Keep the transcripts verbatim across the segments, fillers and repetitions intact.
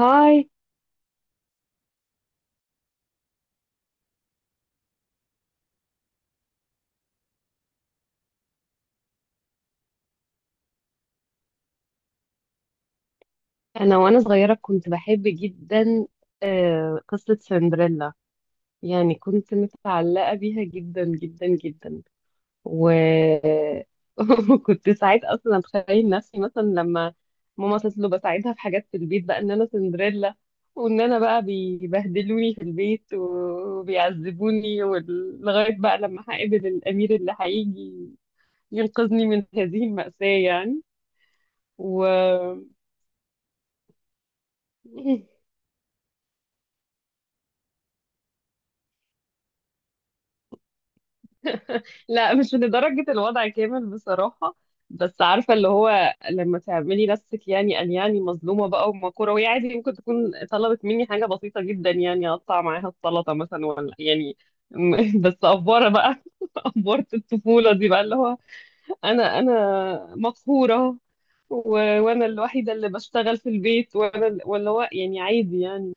هاي. انا وانا صغيره كنت بحب جدا آه، قصه سندريلا، يعني كنت متعلقه بيها جدا جدا جدا و وكنت ساعات اصلا اتخيل نفسي مثلا لما ماما تطلب اساعدها في حاجات في البيت بقى ان انا سندريلا، وان انا بقى بيبهدلوني في البيت وبيعذبوني وال- لغايه بقى لما هقابل الامير اللي هيجي ينقذني من هذه المأساة يعني. و لا، مش لدرجة الوضع كامل بصراحة، بس عارفة اللي هو لما تعملي نفسك يعني أن يعني مظلومة بقى ومقهورة، وهي عادي ممكن تكون طلبت مني حاجة بسيطة جدا، يعني أقطع معاها السلطة مثلا ولا يعني م- بس أفورة بقى أفورة الطفولة دي بقى اللي هو أنا أنا مقهورة و... وأنا الوحيدة اللي بشتغل في البيت وأنا ال- واللي هو يعني عادي يعني.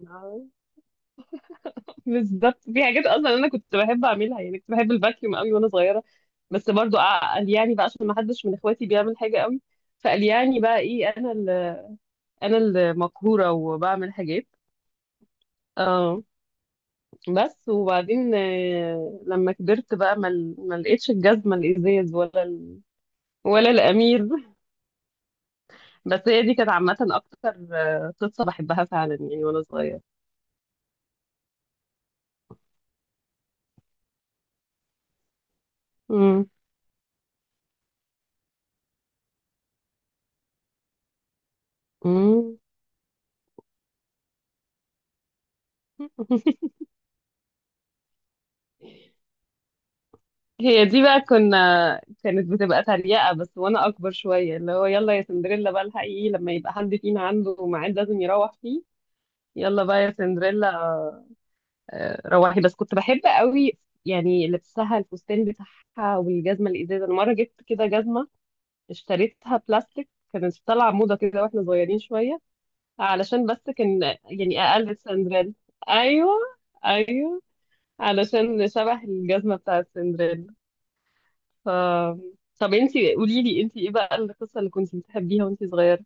بالظبط، في حاجات اصلا انا كنت بحب اعملها، يعني كنت بحب الفاكيوم قوي وانا صغيره، بس برضو قع- قلياني بقى عشان ما حدش من اخواتي بيعمل حاجه قوي، فقلياني بقى ايه، انا ال- انا المقهوره وبعمل حاجات. اه. بس وبعدين آه، لما كبرت بقى ما ل- ما لقيتش الجزمه الازاز ولا ال... ولا الامير، بس هي دي كانت عامه اكتر، آه، قصه بحبها فعلا يعني وانا صغيره. امم. هي دي بقى كنا كانت بتبقى تريقة، بس وانا اكبر شوية اللي هو، يلا يا سندريلا بقى الحقيقي لما يبقى حد فينا عنده ميعاد لازم يروح فيه، يلا بقى يا سندريلا. آه، روحي. بس كنت بحب قوي يعني لبسها الفستان بتاعها والجزمة الازاز. انا مرة جبت كده جزمة اشتريتها بلاستيك، كانت طالعة موضة كده واحنا صغيرين شوية، علشان بس كان يعني اقل سندريلا. ايوه ايوه، علشان شبه الجزمة بتاعت سندريلا. ف... طب انتي قولي لي انتي ايه بقى القصة اللي كنتي بتحبيها وانتي صغيرة؟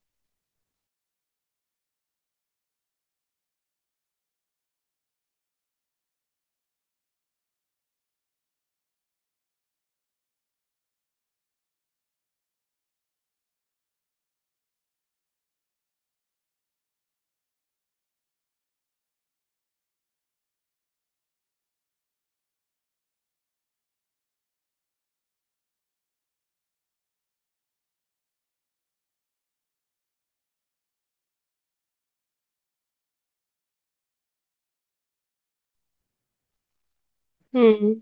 مم.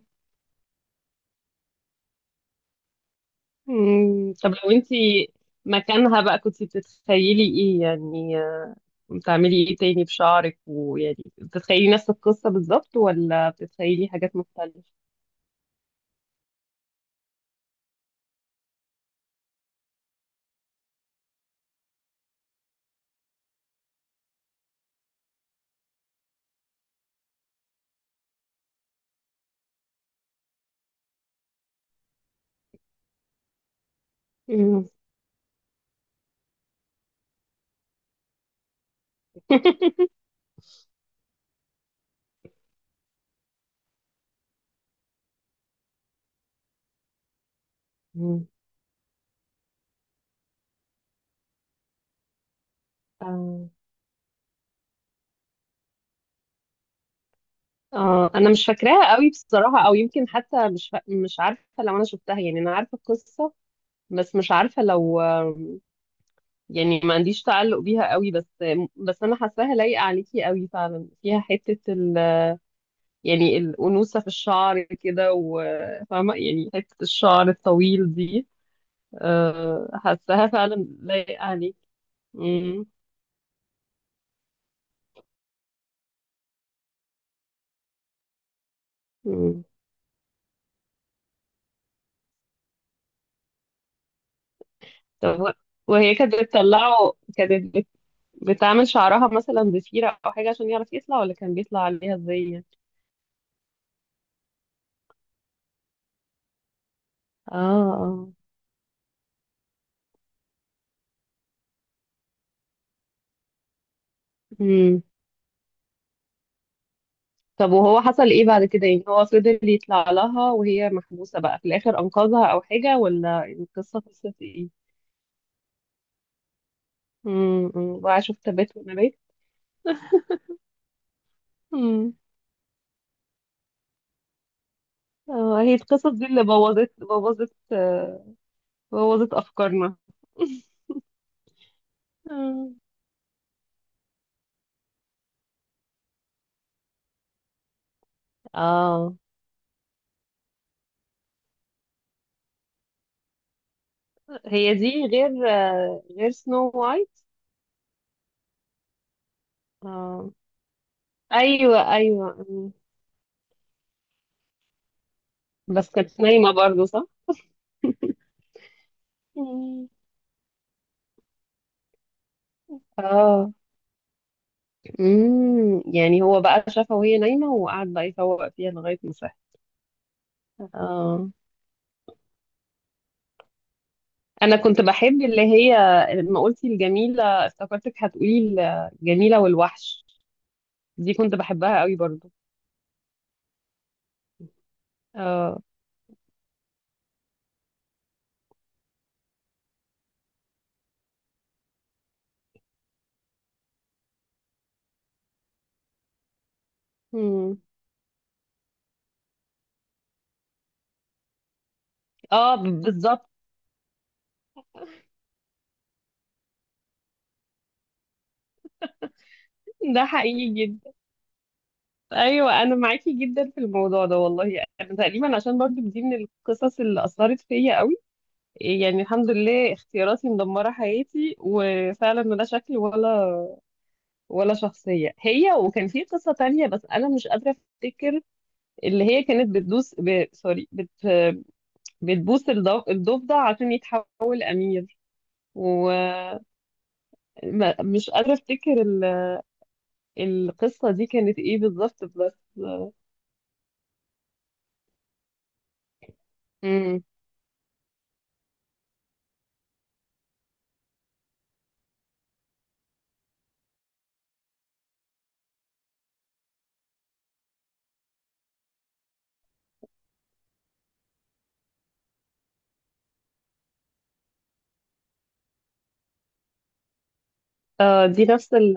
مم. طب لو انتي مكانها بقى كنتي بتتخيلي ايه يعني؟ بتعملي ايه تاني بشعرك؟ ويعني بتتخيلي نفس القصة بالظبط ولا بتتخيلي حاجات مختلفة؟ مم. مم. آه. آه. انا مش فاكراها قوي بصراحة، او يمكن حتى مش فا... مش عارفة لو انا شفتها، يعني انا عارفة القصة بس مش عارفة لو، يعني ما عنديش تعلق بيها قوي، بس بس انا حاساها لايقه عليكي قوي فعلا، فيها حته ال... يعني الانوثه في الشعر كده، وفاهمه يعني حته الشعر الطويل دي، آه، حاساها فعلا لايقه عليك. مم. مم. طب و- وهي كانت بتطلعه، كانت بت... بتعمل شعرها مثلا ضفيره او حاجه عشان يعرف يطلع، ولا كان بيطلع عليها ازاي يعني؟ اه. اه. مم. طب وهو حصل ايه بعد كده؟ يعني هو فضل يطلع لها وهي محبوسة بقى، في الاخر انقذها او حاجة؟ ولا القصة قصة ايه؟ امم، بقى شفت بيت ونبات. امم. اه، هي القصص دي اللي بوظت بوظت آه، بوظت افكارنا. مم. اه، هي دي غير آه، غير سنو وايت. اه. ايوه ايوه. مم. بس كانت نايمة برضو صح؟ مم. اه. امم، يعني هو بقى شافها وهي نايمة وقعد بقى يفوق فيها لغاية ما. اه. انا كنت بحب اللي هي، لما قلتي الجميله افتكرتك هتقولي الجميله والوحش، دي كنت بحبها قوي برضو. اه. مم. اه، ب- بالظبط. ده حقيقي جدا. ايوه انا معاكي جدا في الموضوع ده والله، انا تقريبا عشان برضو دي من القصص اللي اثرت فيا قوي، يعني الحمد لله اختياراتي مدمره حياتي، وفعلا لا شكل ولا ولا شخصيه. هي، وكان في قصه تانية بس انا مش قادره افتكر، اللي هي كانت بتدوس ب... سوري، بت... بتبوس الضف... الضفدع عشان يتحول أمير، ومش قادرة أفتكر ال... القصة دي كانت إيه بالظبط بس. امم. آه دي نفس ال...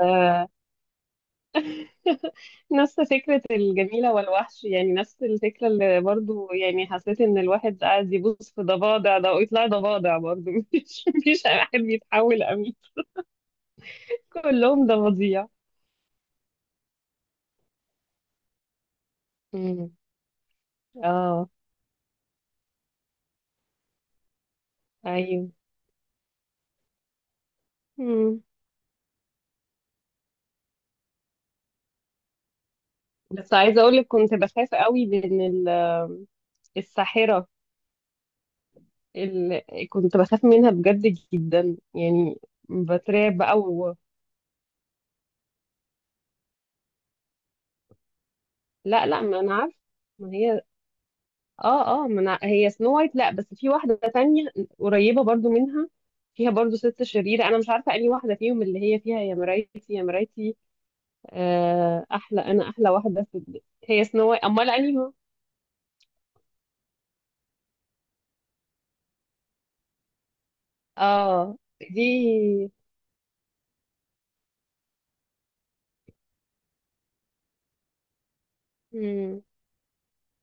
نفس فكرة الجميلة والوحش يعني، نفس الفكرة. اللي برضو يعني حسيت إن الواحد قاعد يبوس في ضفادع ده ويطلع ضفادع برضو مفيش مفيش واحد بيتحول أمير، كلهم ضفاديع. امم. اه. ايوه. مم. بس عايزة اقولك كنت بخاف قوي من ال- الساحرة، ال... كنت بخاف منها بجد جدا يعني، بترعب بقى و... لا لا، ما انا عارفة. ما هي، اه اه، ما أنا... هي سنو وايت، لا بس في واحدة تانية قريبة برضو منها، فيها برضو ست شريرة، انا مش عارفة انهي واحدة فيهم اللي هي فيها يا مرايتي يا مرايتي، آه احلى انا احلى واحدة في ال- هي سنو وايت، امال انهي؟ اه دي.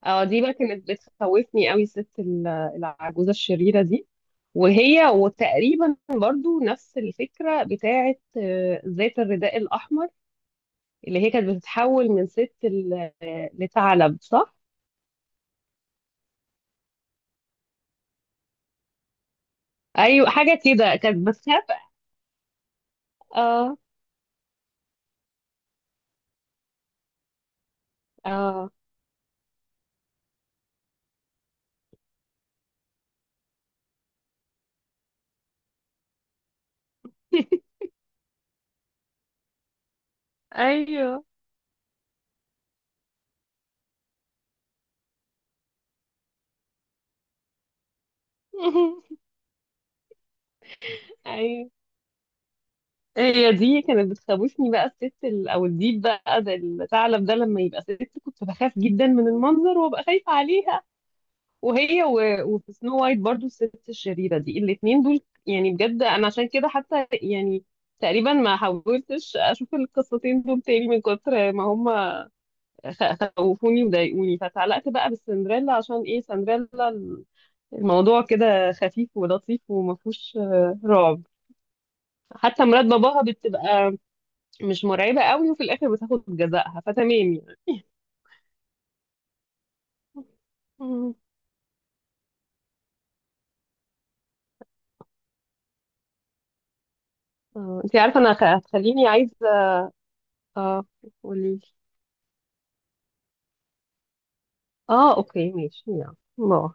اه دي بقى كانت بتخوفني قوي الست ال- العجوزة الشريرة دي. وهي وتقريبا برضو نفس الفكرة بتاعة آه، ذات الرداء الأحمر، اللي هي كانت بتتحول من ست ل- لثعلب صح؟ أيوة حاجة كده، كانت بتخاف. اه. اه. ايوه. ايوه، هي دي كانت بتخوفني بقى الست ال... او الديب بقى ده، الثعلب ده لما يبقى ست، كنت بخاف جدا من المنظر وابقى خايفة عليه. وهي و... وفي سنو وايت برضو الست الشريرة دي، الاتنين دول يعني بجد انا عشان كده حتى يعني تقريبا ما حاولتش اشوف القصتين دول تاني من كتر ما هم خ- خوفوني وضايقوني، فتعلقت بقى بالسندريلا عشان ايه؟ سندريلا ال- الموضوع كده خفيف ولطيف، وما فيهوش آه، رعب. حتى مرات باباها بتبقى مش مرعبة قوي، وفي الاخر بتاخد جزاءها، فتمام يعني. مم. آه، انتي عارفة انا خ- هتخليني عايزة. اه، قولي. اه اوكي ماشي، يلا باي.